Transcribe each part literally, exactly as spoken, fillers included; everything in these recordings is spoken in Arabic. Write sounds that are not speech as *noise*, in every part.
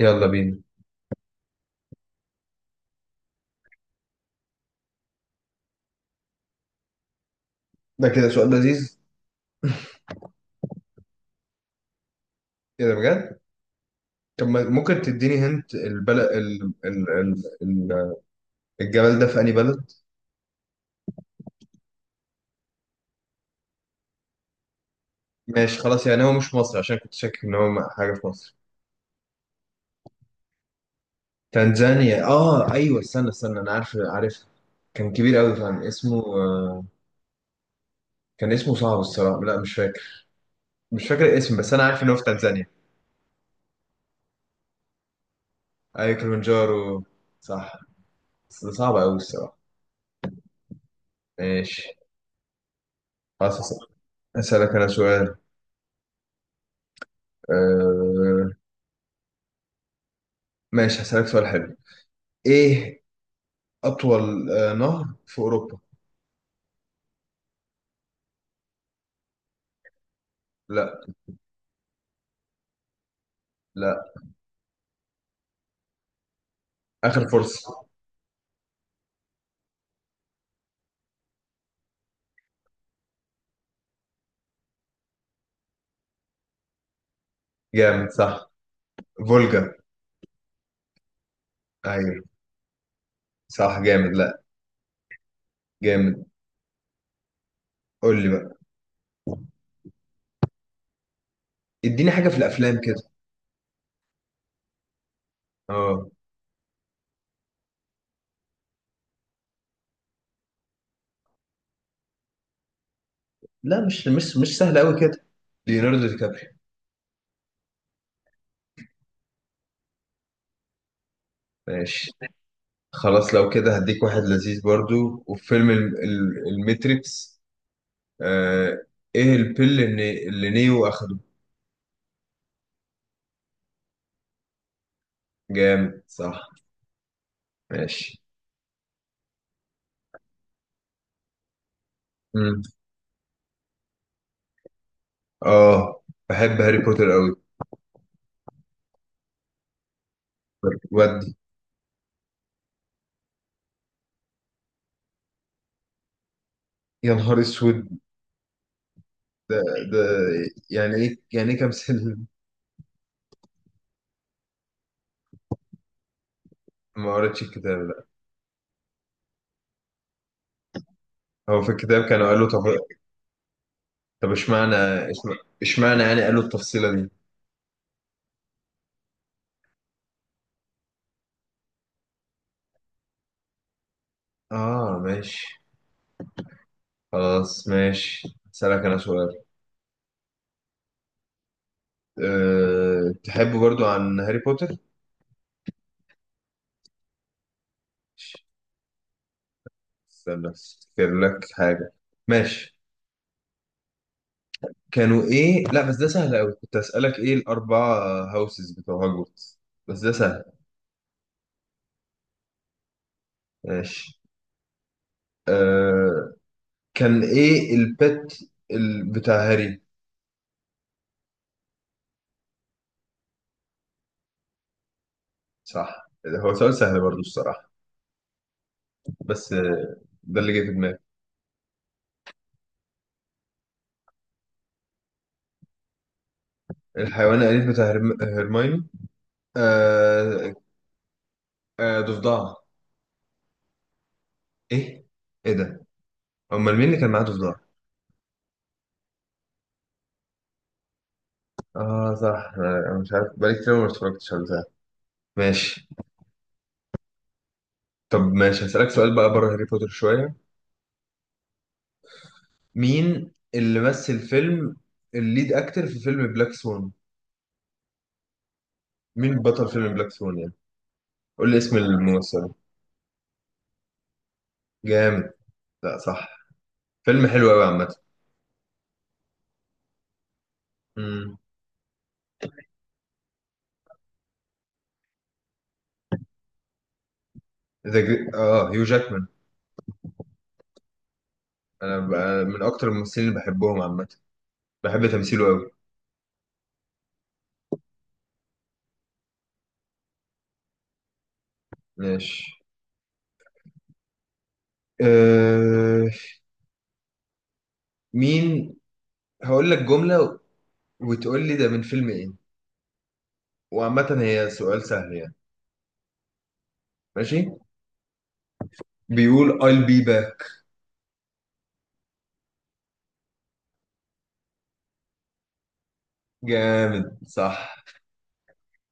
يلا بينا. ده كده سؤال لذيذ. كده بجد. طب ما- ممكن تديني هنت البلد ال... ال... ال... ال... الجبل ده في أي بلد؟ ماشي خلاص، يعني هو مش مصر عشان كنت شاكك ان هو م- حاجة في مصر. تنزانيا، اه ايوه، استنى استنى، انا عارف عارف. كان كبير قوي فعلا، اسمه آه، كان اسمه صعب الصراحة. لا، مش فاكر. مش فاكر الاسم، بس انا عارف ان هو في تنزانيا. ايوه كليمنجارو، صح. بس ده صعب قوي الصراحة. ماشي، خلاص، هسألك. هسألك انا سؤال. آه... ماشي، هسألك سؤال حلو. ايه أطول آه، نهر في أوروبا؟ لا، لا. آخر فرصة. جامد، صح. فولجا. أيوه، صح جامد. لا، جامد. قول لي بقى. اديني حاجة في الأفلام كده. اه. لا، مش مش مش سهل أوي كده. ليوناردو دي كابريو. ماشي، خلاص. لو كده هديك واحد لذيذ برضو. وفيلم ال- ال- الماتريكس. آه ايه البيل اللي اللي نيو اخده؟ جامد، صح. ماشي. مم. اه، بحب هاري بوتر قوي. ودي. يا نهار اسود. ده ده يعني ايه يعني ايه كمثيل؟ *laughs* ما قريتش الكتاب، لا. هو في الكتاب كانوا قالوا؟ طب. طب اشمعنى اشمع- اشمعنى يعني قالوا التفصيلة دي؟ اه، ماشي. خلاص، ماشي، هسألك انا سؤال. أه... تحب برضو عن هاري بوتر. استنى افتكر لك حاجة. ماشي. كانوا ايه، لا بس ده سهل قوي. كنت هسألك ايه الاربعة هاوسز بتوع هوجورتس، بس ده سهل. ماشي. أه... كان ايه البت ال- بتاع هاري؟ صح، هو سؤال سهل برضو الصراحة، بس آه، ده اللي جه في دماغي. الحيوان الأليف بتاع هرم- هرمايوني. آه آه، ضفدعة. إيه؟ إيه ده؟ أمال مين اللي كان معاه ضفدعة؟ آه صح، أنا أنا مش عارف، بقالي كتير ما اتفرجتش على ده. ماشي. طب ماشي، هسألك سؤال بقى بره هاري بوتر شوية. مين اللي مثل فيلم الليد أكتر في فيلم بلاك سون؟ مين بطل فيلم بلاك سون يعني؟ قول لي اسم الممثل. جامد. لا، صح. فيلم حلو أوي عامة. مم. ذا جري... اه هيو جاكمان. انا بقى من اكتر الممثلين اللي بحبهم عامه. بحب تمثيله قوي. ماشي. أه... مين— هقول لك جمله وتقول لي ده من فيلم ايه. وعامه هي سؤال سهل يعني. ماشي. بيقول I'll be back. جامد، صح.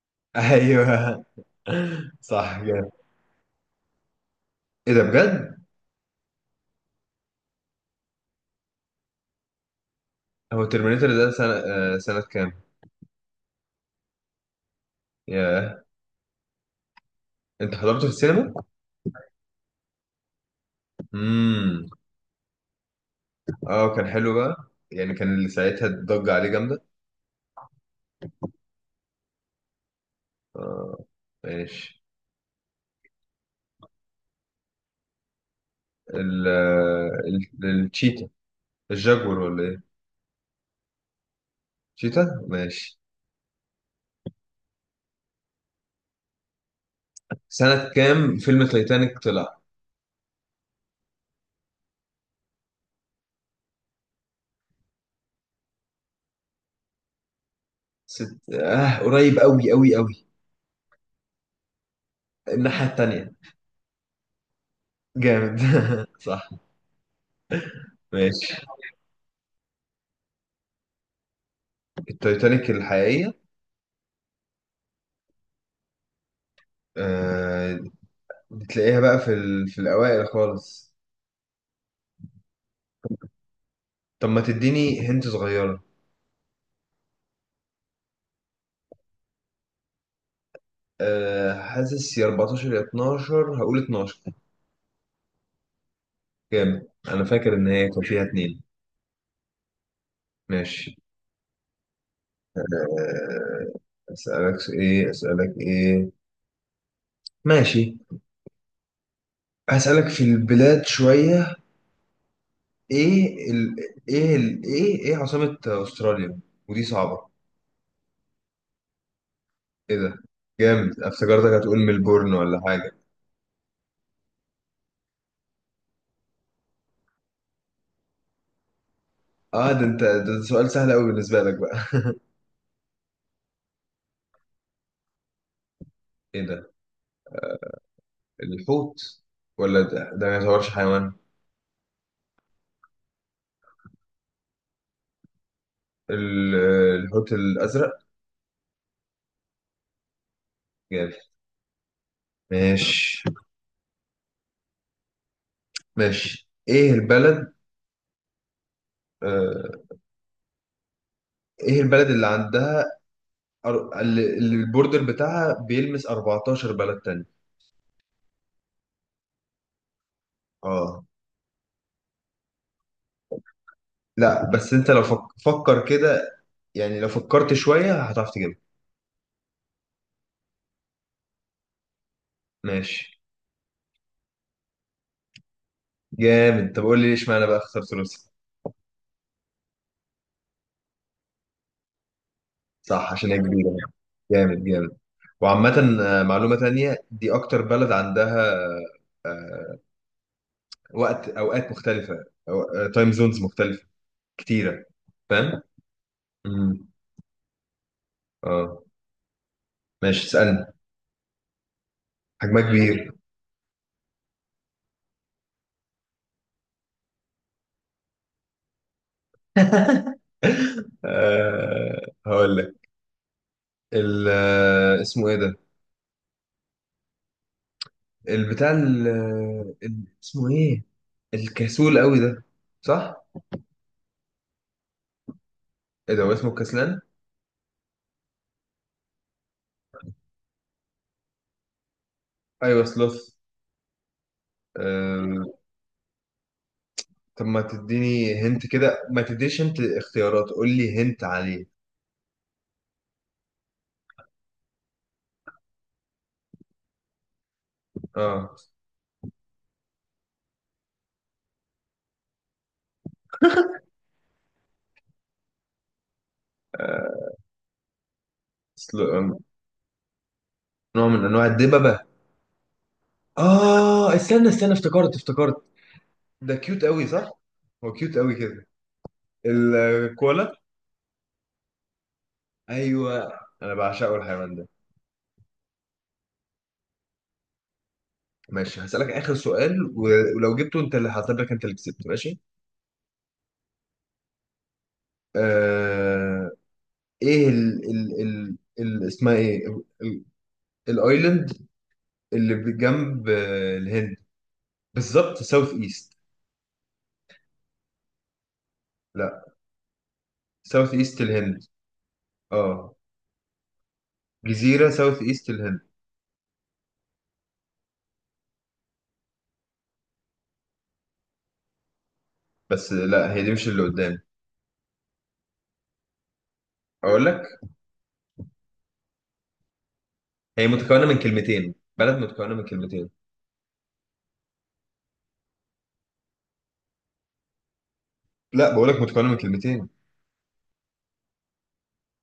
*laughs* ايوه. صح، جامد. ايه ده بجد؟ هو ترمينيتور ده سنه، آه، سنه كام؟ ياه. انت حضرته في السينما؟ امم. اه، كان حلو بقى. يعني كان اللي ساعتها الضجه عليه جامده. اه، ماشي. ال ال- التشيتا، الجاكور ولا ايه؟ تشيتا، ماشي. سنة كام فيلم تايتانيك طلع؟ ست... آه قريب قوي قوي قوي. الناحية التانية. جامد *laughs* صح. ماشي. التايتانيك الحقيقية؟ آه. بتلاقيها بقى في ال... في الأوائل خالص. طب ما تديني هنت صغيرة. آه حاسس يا اربعتاشر يا اتناشر، هقول اتناشر. جامد. أنا فاكر إن هي كان فيها اتنين. ماشي. آه أسألك س- إيه، أسألك إيه. ماشي، هسألك في البلاد شوية. ايه ال... ايه ال... ايه ايه عاصمة استراليا؟ ودي صعبة. ايه ده؟ جامد، افتكرتك هتقول ملبورن ولا حاجة. اه، ده انت. ده سؤال سهل قوي بالنسبة لك بقى. *laughs* ايه ده؟ الحوت. ولا ده, ده ما يعتبرش حيوان؟ ال... الحوت الأزرق. جامد. ماشي. ماشي، ايه البلد، آه... ايه البلد اللي عندها أر- اللي اللي البوردر بتاعها بيلمس اربعة عشر بلد تاني؟ اه. لا، بس انت لو فك... فكر كده. يعني لو فكرت شوية هتعرف تجيبها. ماشي. جامد. طب قول لي ليش معنى بقى اخترت روسيا؟ صح، عشان هي كبيرة. جامد، جامد. وعامة آه، معلومة تانية، دي أكتر بلد عندها آه، وقت أوقات مختلفة، أو تايم زونز مختلفة كتيرة. فاهم؟ امم. اه، ماشي، اسألني. حجمها كبير. *laughs* آه هقول لك. ال- آه، اسمه ايه ده؟ البتاع ال- آه، ال- اسمه ايه؟ الكسول قوي ده، صح؟ ايه ده، هو اسمه الكسلان. ايوه، سلوث. آه... طب ما تديني هنت كده، ما تديش هنت اختيارات، قول لي هنت عليه. اه. سلو... أم، نوع من انواع الدببة. اه، استنى استنى، افتكرت افتكرت. ده كيوت قوي، صح؟ هو كيوت قوي كده. الكولا. ايوه. انا بعشقه الحيوان ده. ماشي، هسألك آخر سؤال، و- ولو جبته انت اللي هحسب، لك انت اللي كسبت. ماشي. آه... ايه ال ال ال ال اسمها ايه، ال- الايلاند اللي بجنب آه، الهند، بالظبط ساوث ايست؟ لا. ساوث ايست الهند. اه، جزيرة ساوث ايست الهند. بس لا، هي دي مش اللي قدام اقول لك. هي متكونة من كلمتين، بلد متكونة من كلمتين. لا، بقول لك متكونة من كلمتين.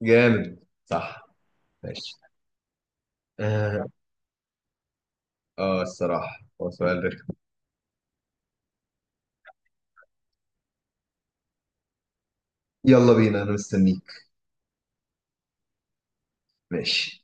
جامد، صح. ماشي. اه. آه، الصراحة هو سؤال رخم. يلا بينا، انا مستنيك. ماشي.